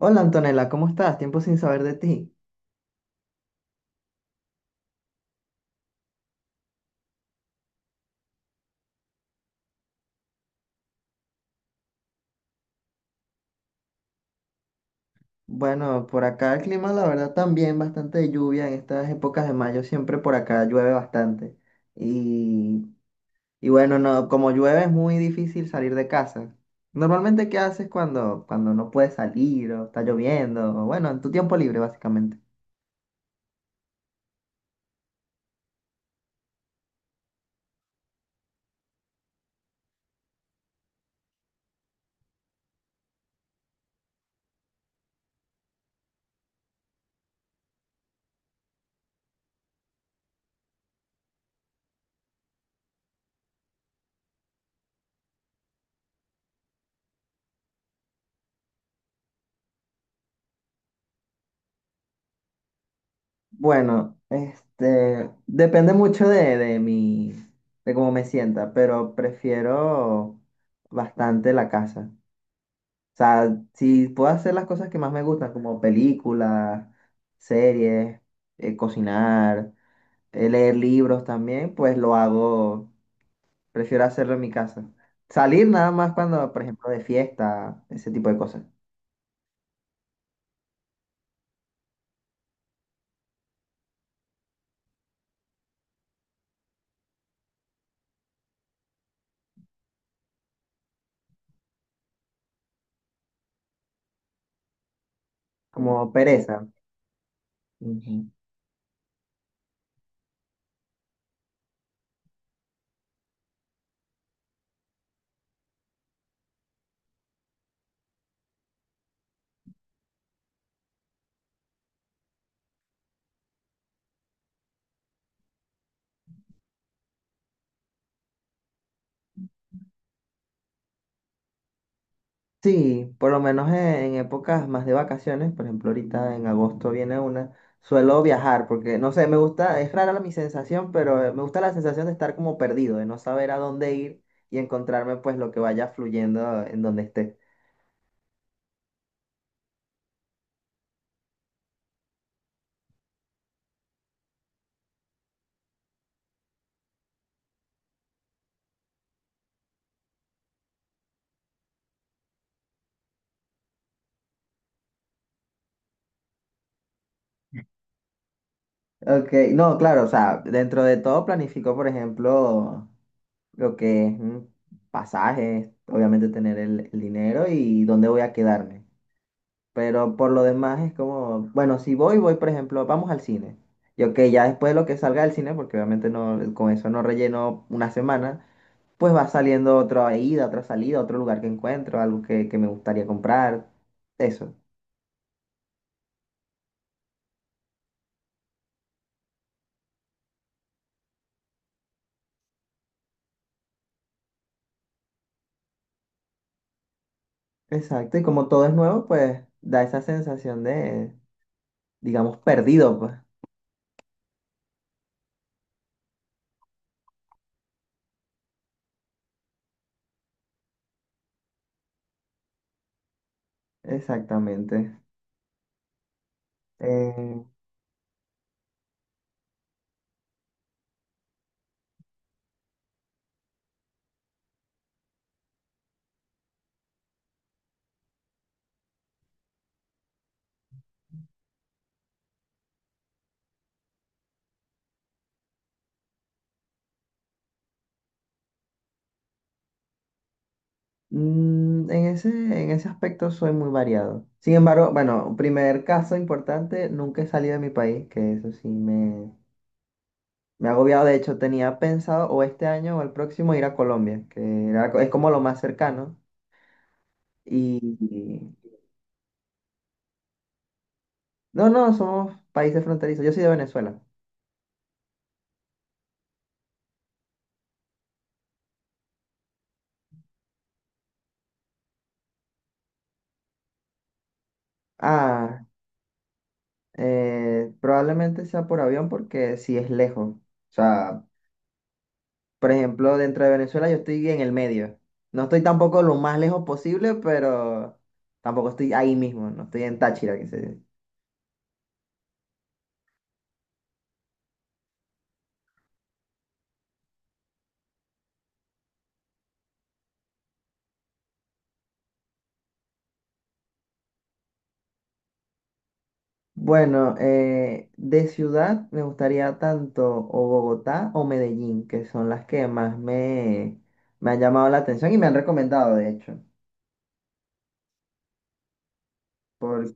Hola Antonella, ¿cómo estás? Tiempo sin saber de ti. Bueno, por acá el clima, la verdad, también bastante de lluvia. En estas épocas de mayo siempre por acá llueve bastante. Y, y bueno, no, como llueve es muy difícil salir de casa. Normalmente, ¿qué haces cuando no puedes salir o está lloviendo? O bueno, en tu tiempo libre, básicamente. Bueno, depende mucho de cómo me sienta, pero prefiero bastante la casa. O sea, si puedo hacer las cosas que más me gustan, como películas, series, cocinar, leer libros también, pues lo hago, prefiero hacerlo en mi casa. Salir nada más cuando, por ejemplo, de fiesta, ese tipo de cosas, como pereza. Ujú. Sí, por lo menos en épocas más de vacaciones, por ejemplo, ahorita en agosto suelo viajar porque, no sé, me gusta, es rara mi sensación, pero me gusta la sensación de estar como perdido, de no saber a dónde ir y encontrarme pues lo que vaya fluyendo en donde esté. Ok, no, claro, o sea, dentro de todo planifico, por ejemplo, lo que es pasajes, obviamente tener el dinero y dónde voy a quedarme. Pero por lo demás es como, bueno, si voy, voy, por ejemplo, vamos al cine. Y ok, ya después de lo que salga del cine, porque obviamente no, con eso no relleno una semana, pues va saliendo otra ida, otra salida, otro lugar que encuentro, algo que me gustaría comprar. Eso. Exacto. Y como todo es nuevo, pues da esa sensación de, digamos, perdido, pues. Exactamente. Eh, en ese aspecto soy muy variado. Sin embargo, bueno, primer caso importante, nunca he salido de mi país, que eso sí me ha agobiado. De hecho, tenía pensado o este año o el próximo ir a Colombia, es como lo más cercano. Y, y- no, no, somos países fronterizos. Yo soy de Venezuela. Ah, probablemente sea por avión porque sí es lejos. O sea, por ejemplo, dentro de Venezuela yo estoy en el medio. No estoy tampoco lo más lejos posible, pero tampoco estoy ahí mismo, no estoy en Táchira, que se dice. Bueno, de ciudad me gustaría tanto o Bogotá o Medellín, que son las que más me han llamado la atención y me han recomendado, de hecho. Por,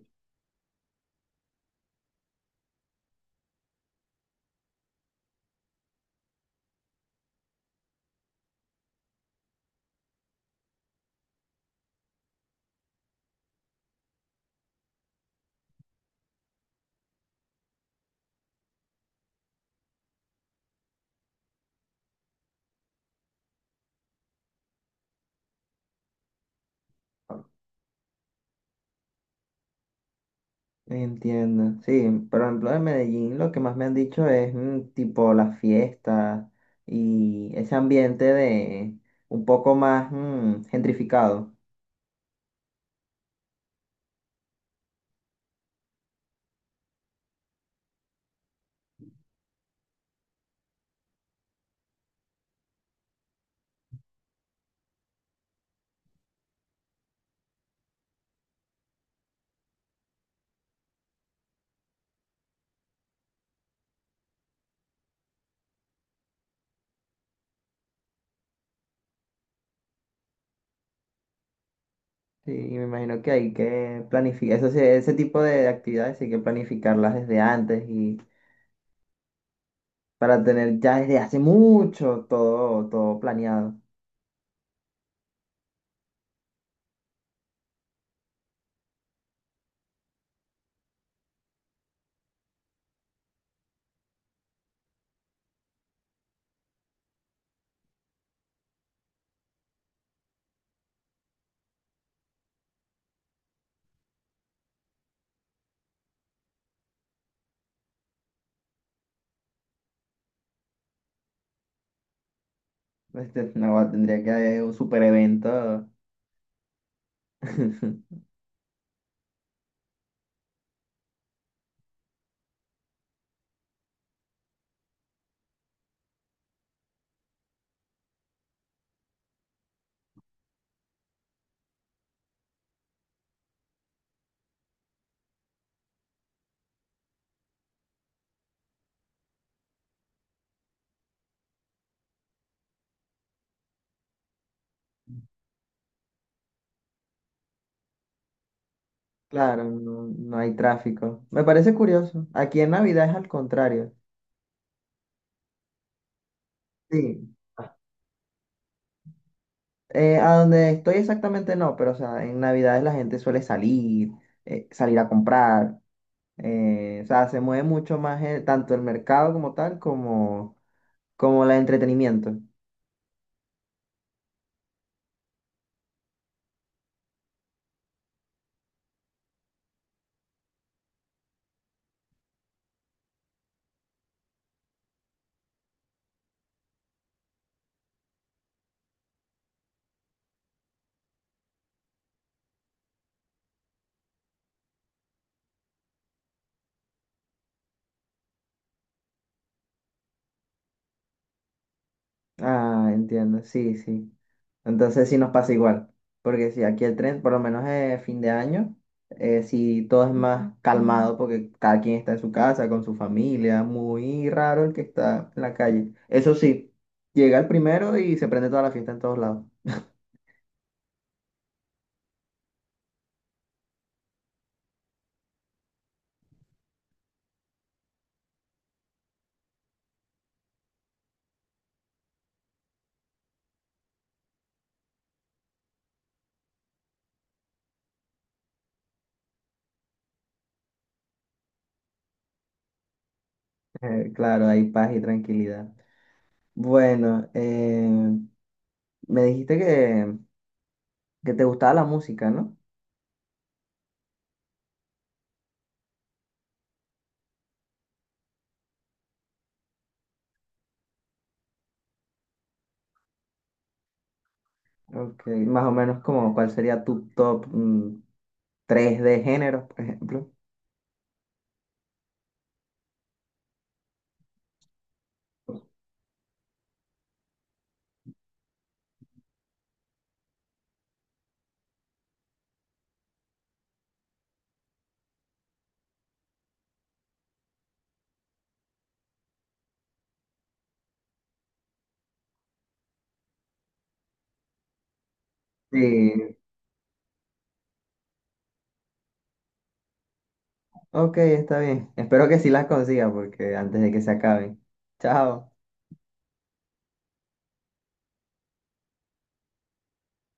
Entiendo, sí, por ejemplo, en Medellín lo que más me han dicho es tipo las fiestas y ese ambiente de un poco más gentrificado. Sí, y me imagino que hay que planificar, eso sí, ese tipo de actividades hay que planificarlas desde antes y para tener ya desde hace mucho todo, todo planeado. No, tendría que haber un super evento. Claro, no, no hay tráfico. Me parece curioso. Aquí en Navidad es al contrario. Sí. A donde estoy exactamente no, pero o sea, en Navidades la gente suele salir a comprar. O sea, se mueve mucho más tanto el mercado como tal como el entretenimiento. Ah, entiendo, sí, sí. Entonces sí nos pasa igual, porque si aquí el tren, por lo menos fin de año, si todo es más calmado porque cada quien está en su casa, con su familia, muy raro el que está en la calle. Eso sí, llega el primero y se prende toda la fiesta en todos lados. Claro, hay paz y tranquilidad. Bueno, me dijiste que te gustaba la música, ¿no? Ok, más o menos como cuál sería tu top 3 de géneros, por ejemplo. Sí, ok, está bien. Espero que sí las consiga porque antes de que se acaben. Chao.